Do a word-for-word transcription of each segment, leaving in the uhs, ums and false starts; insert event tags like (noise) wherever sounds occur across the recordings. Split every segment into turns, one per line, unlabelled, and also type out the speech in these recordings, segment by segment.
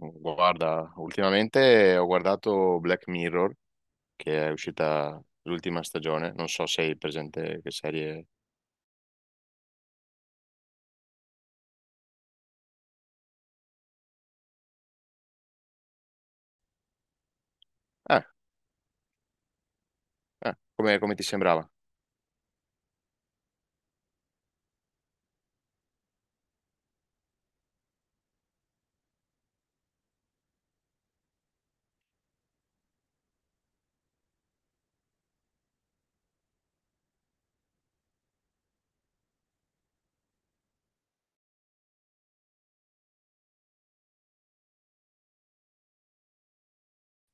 Guarda, ultimamente ho guardato Black Mirror, che è uscita l'ultima stagione. Non so se hai presente che serie. Eh, eh, come, come ti sembrava?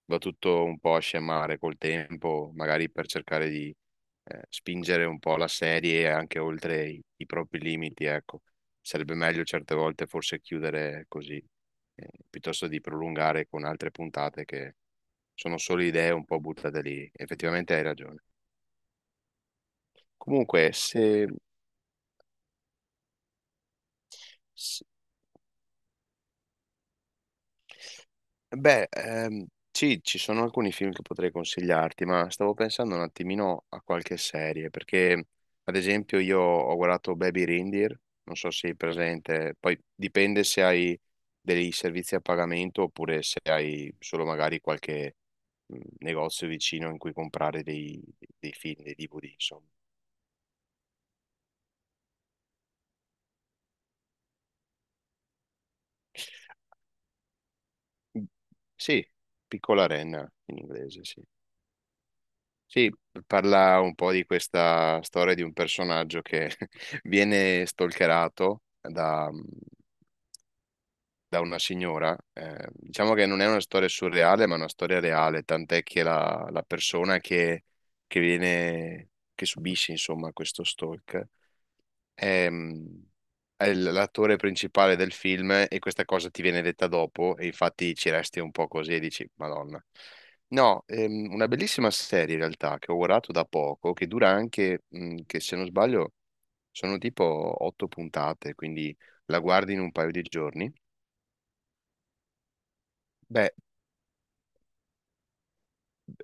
Va tutto un po' a scemare col tempo, magari per cercare di eh, spingere un po' la serie anche oltre i, i propri limiti, ecco. Sarebbe meglio certe volte forse chiudere così, eh, piuttosto di prolungare con altre puntate che sono solo idee un po' buttate lì. Effettivamente hai ragione. Comunque, se S- Beh, ehm, sì, ci sono alcuni film che potrei consigliarti, ma stavo pensando un attimino a qualche serie, perché ad esempio io ho guardato Baby Reindeer, non so se è presente, poi dipende se hai dei servizi a pagamento oppure se hai solo magari qualche mh, negozio vicino in cui comprare dei, dei film, dei D V D, insomma. Sì, Piccola Renna in inglese, sì. Sì, parla un po' di questa storia di un personaggio che (laughs) viene stalkerato da, mm, da una signora. Eh, diciamo che non è una storia surreale, ma è una storia reale, tant'è che la, la persona che, che viene, che subisce, insomma, questo stalk è, è l- l'attore principale del film e questa cosa ti viene detta dopo e infatti ci resti un po' così e dici, Madonna. No, ehm, una bellissima serie in realtà che ho guardato da poco, che dura anche, mh, che se non sbaglio sono tipo otto puntate, quindi la guardi in un paio di giorni. Beh,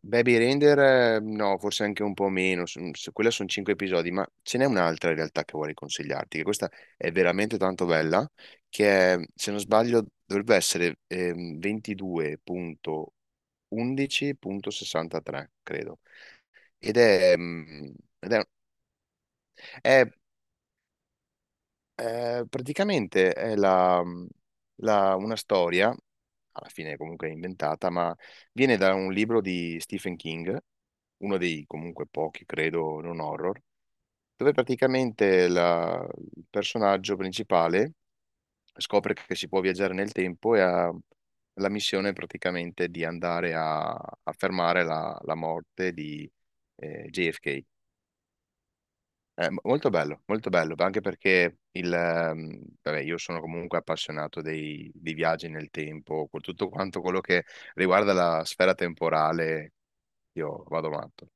Baby Render, eh, no, forse anche un po' meno, s- s- quella sono cinque episodi, ma ce n'è un'altra in realtà che vorrei consigliarti, che questa è veramente tanto bella, che è, se non sbaglio dovrebbe essere ehm, ventidue undici sessantatré, credo. Ed è, mm, ed è- è Eh, praticamente è la- mhmm, la- una storia, alla fine comunque inventata, ma viene da un libro di Stephen King, uno dei comunque pochi, credo, non horror, dove praticamente la- il personaggio principale scopre che si può viaggiare nel tempo e ha la missione praticamente di andare a, a fermare la, la morte di eh, J F K. Eh, mo- molto bello, molto bello, anche perché il, ehm, vabbè, io sono comunque appassionato dei, dei viaggi nel tempo, con tutto quanto quello che riguarda la sfera temporale, io vado matto.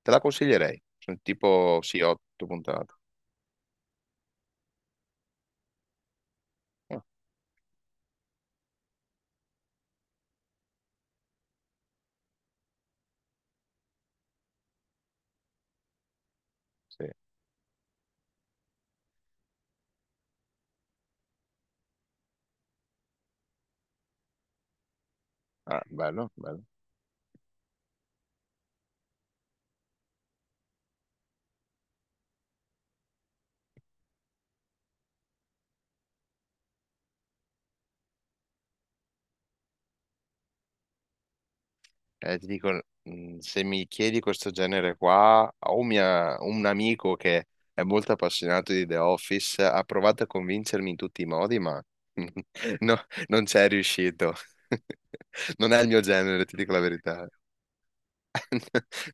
Te la consiglierei, sono tipo, sì, otto puntate. Ah, sì. Ah, bello, bello. Eh, ti dico, mh, se mi chiedi questo genere qua, ho mia- un amico che è molto appassionato di The Office, ha provato a convincermi in tutti i modi, ma (laughs) no, non c'è riuscito. (laughs) Non è il mio genere, ti dico la verità.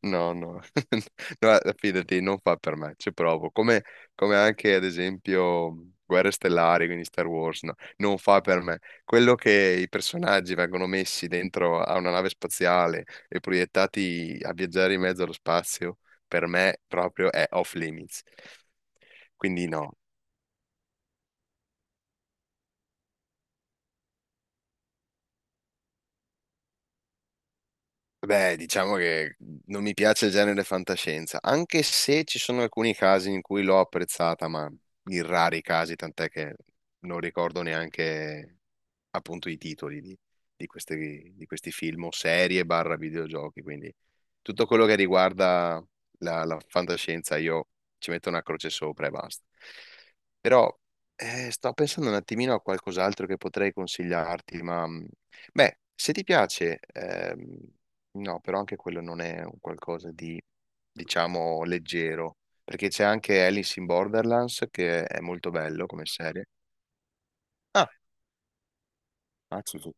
No, no, (laughs) no, eh, fidati, non fa per me, ci provo. Come, come anche ad esempio Guerre Stellari, quindi Star Wars, no, non fa per me. Quello che i personaggi vengono messi dentro a una nave spaziale e proiettati a viaggiare in mezzo allo spazio, per me proprio è off limits. Quindi no, Beh, diciamo che non mi piace il genere fantascienza, anche se ci sono alcuni casi in cui l'ho apprezzata, ma in rari casi, tant'è che non ricordo neanche appunto i titoli di, di queste- di questi film o serie barra videogiochi, quindi tutto quello che riguarda la, la fantascienza io ci metto una croce sopra e basta. Però eh, sto pensando un attimino a qualcos'altro che potrei consigliarti, ma mh, beh, se ti piace, ehm, no, però anche quello non è un qualcosa di, diciamo, leggero, perché c'è anche Alice in Borderlands che è molto bello come serie. Ah, ah, sì, sì.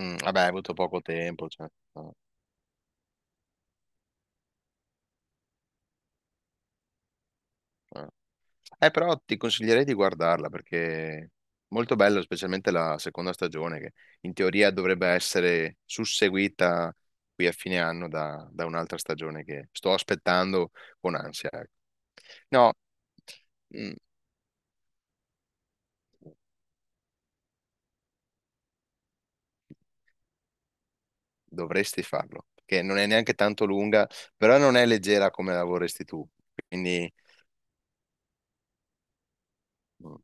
Mm, vabbè, hai avuto poco tempo, cioè, no, no. Eh, però ti consiglierei di guardarla perché è molto bello, specialmente la seconda stagione, che in teoria dovrebbe essere susseguita qui a fine anno da, da un'altra stagione che sto aspettando con ansia. Ecco. No, mm, dovresti farlo, perché non è neanche tanto lunga, però non è leggera come la vorresti tu, quindi mm,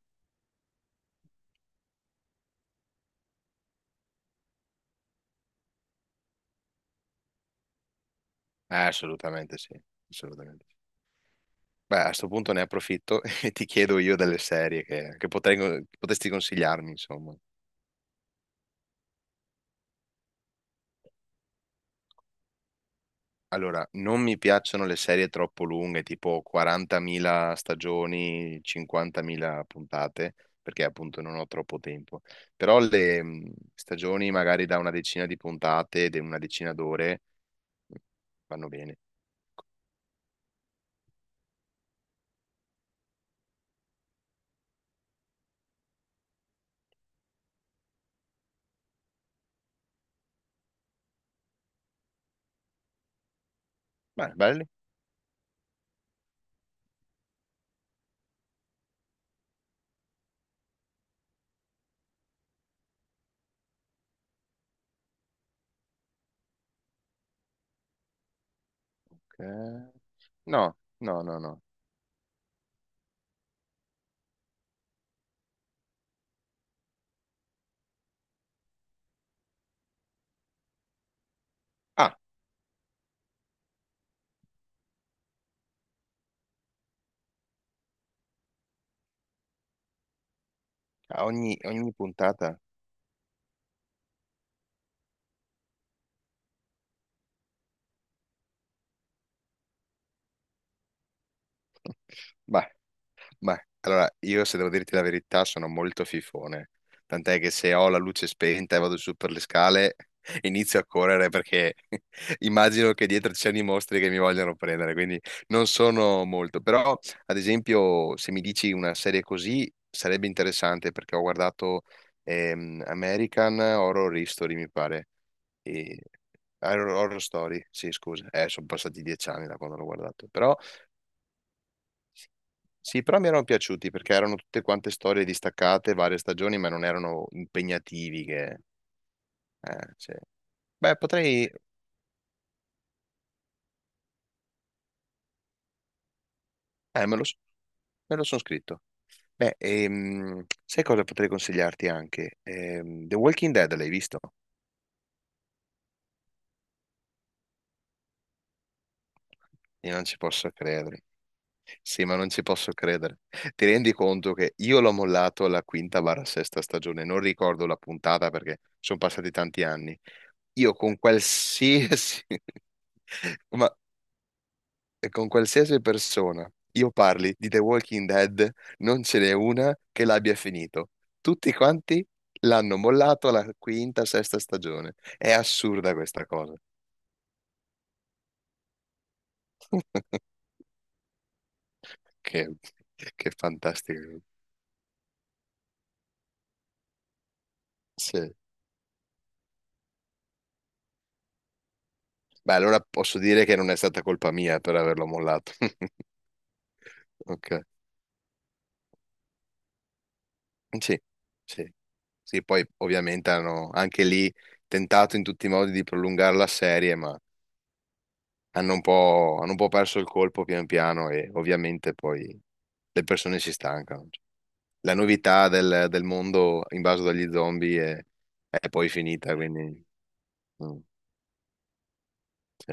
eh, assolutamente sì, assolutamente sì. Beh, a sto punto ne approfitto (laughs) e ti chiedo io delle serie che, che potrei- potresti consigliarmi, insomma. Allora, non mi piacciono le serie troppo lunghe, tipo quarantamila stagioni, cinquantamila puntate, perché appunto non ho troppo tempo. Però le mh, stagioni magari da una decina di puntate, di una decina d'ore, mh, vanno bene. Beh, belli? Eh, No, no, no, no. Ah, a ogni, ogni puntata? Bah, Beh, allora io se devo dirti la verità sono molto fifone, tant'è che se ho la luce spenta e vado su per le scale (laughs) inizio a correre perché (laughs) immagino che dietro ci siano i mostri che mi vogliono prendere, quindi non sono molto, però ad esempio se mi dici una serie così sarebbe interessante perché ho guardato ehm, American Horror History mi pare, e... Horror Horror Story, sì scusa, eh, sono passati dieci anni da quando l'ho guardato, però... Sì, però mi erano piaciuti perché erano tutte quante storie distaccate, varie stagioni, ma non erano impegnativi. Che... eh, sì. Beh, potrei... Eh, me lo, sono scritto. Beh, ehm, sai cosa potrei consigliarti anche? Ehm, The Walking Dead l'hai visto? Io non ci posso credere. Sì, ma non ci posso credere. Ti rendi conto che io l'ho mollato alla quinta barra sesta stagione, non ricordo la puntata perché sono passati tanti anni. Io con qualsiasi... (laughs) Ma e con qualsiasi persona io parli di The Walking Dead, non ce n'è una che l'abbia finito. Tutti quanti l'hanno mollato alla quinta, sesta stagione. È assurda questa cosa. (laughs) Che, che fantastico. Sì. Beh, allora posso dire che non è stata colpa mia per averlo mollato. (laughs) Ok. Sì, sì. Sì, poi ovviamente hanno anche lì tentato in tutti i modi di prolungare la serie, ma hanno un po', hanno un po' perso il colpo pian piano e ovviamente poi le persone si stancano. La novità del, del mondo invaso dagli zombie è, è poi finita, quindi... Mm, sì,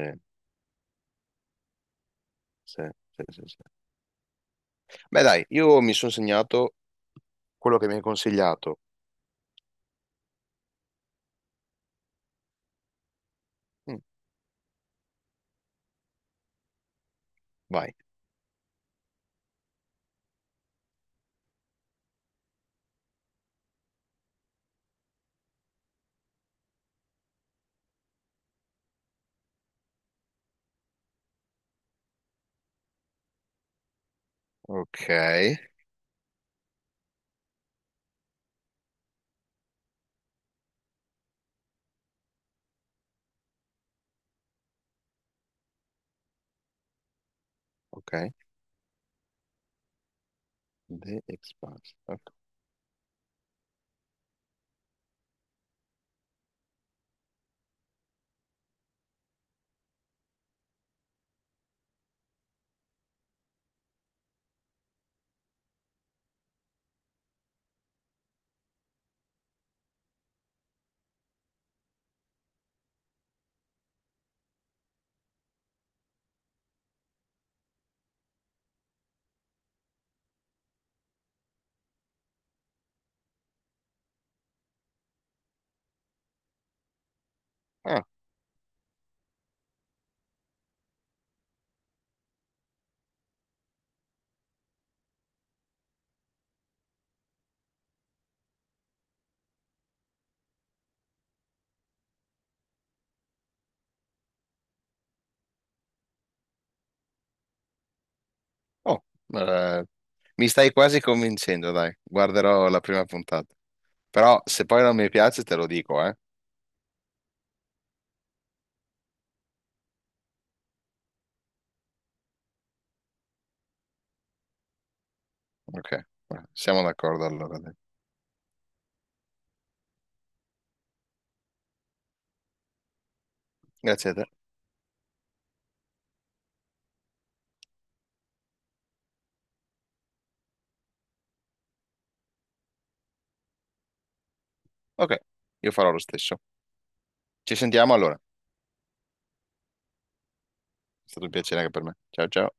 sì, sì, sì, sì. Beh dai, io mi sono segnato quello che mi hai consigliato. Mm, vai. Ok, ok. The Expanse. Ok. Ah, oh, eh, mi stai quasi convincendo, dai. Guarderò la prima puntata. Però se poi non mi piace te lo dico, eh. Ok, siamo d'accordo allora. Dai. Grazie a te. Ok, io farò lo stesso. Ci sentiamo allora. È stato un piacere anche per me. Ciao ciao.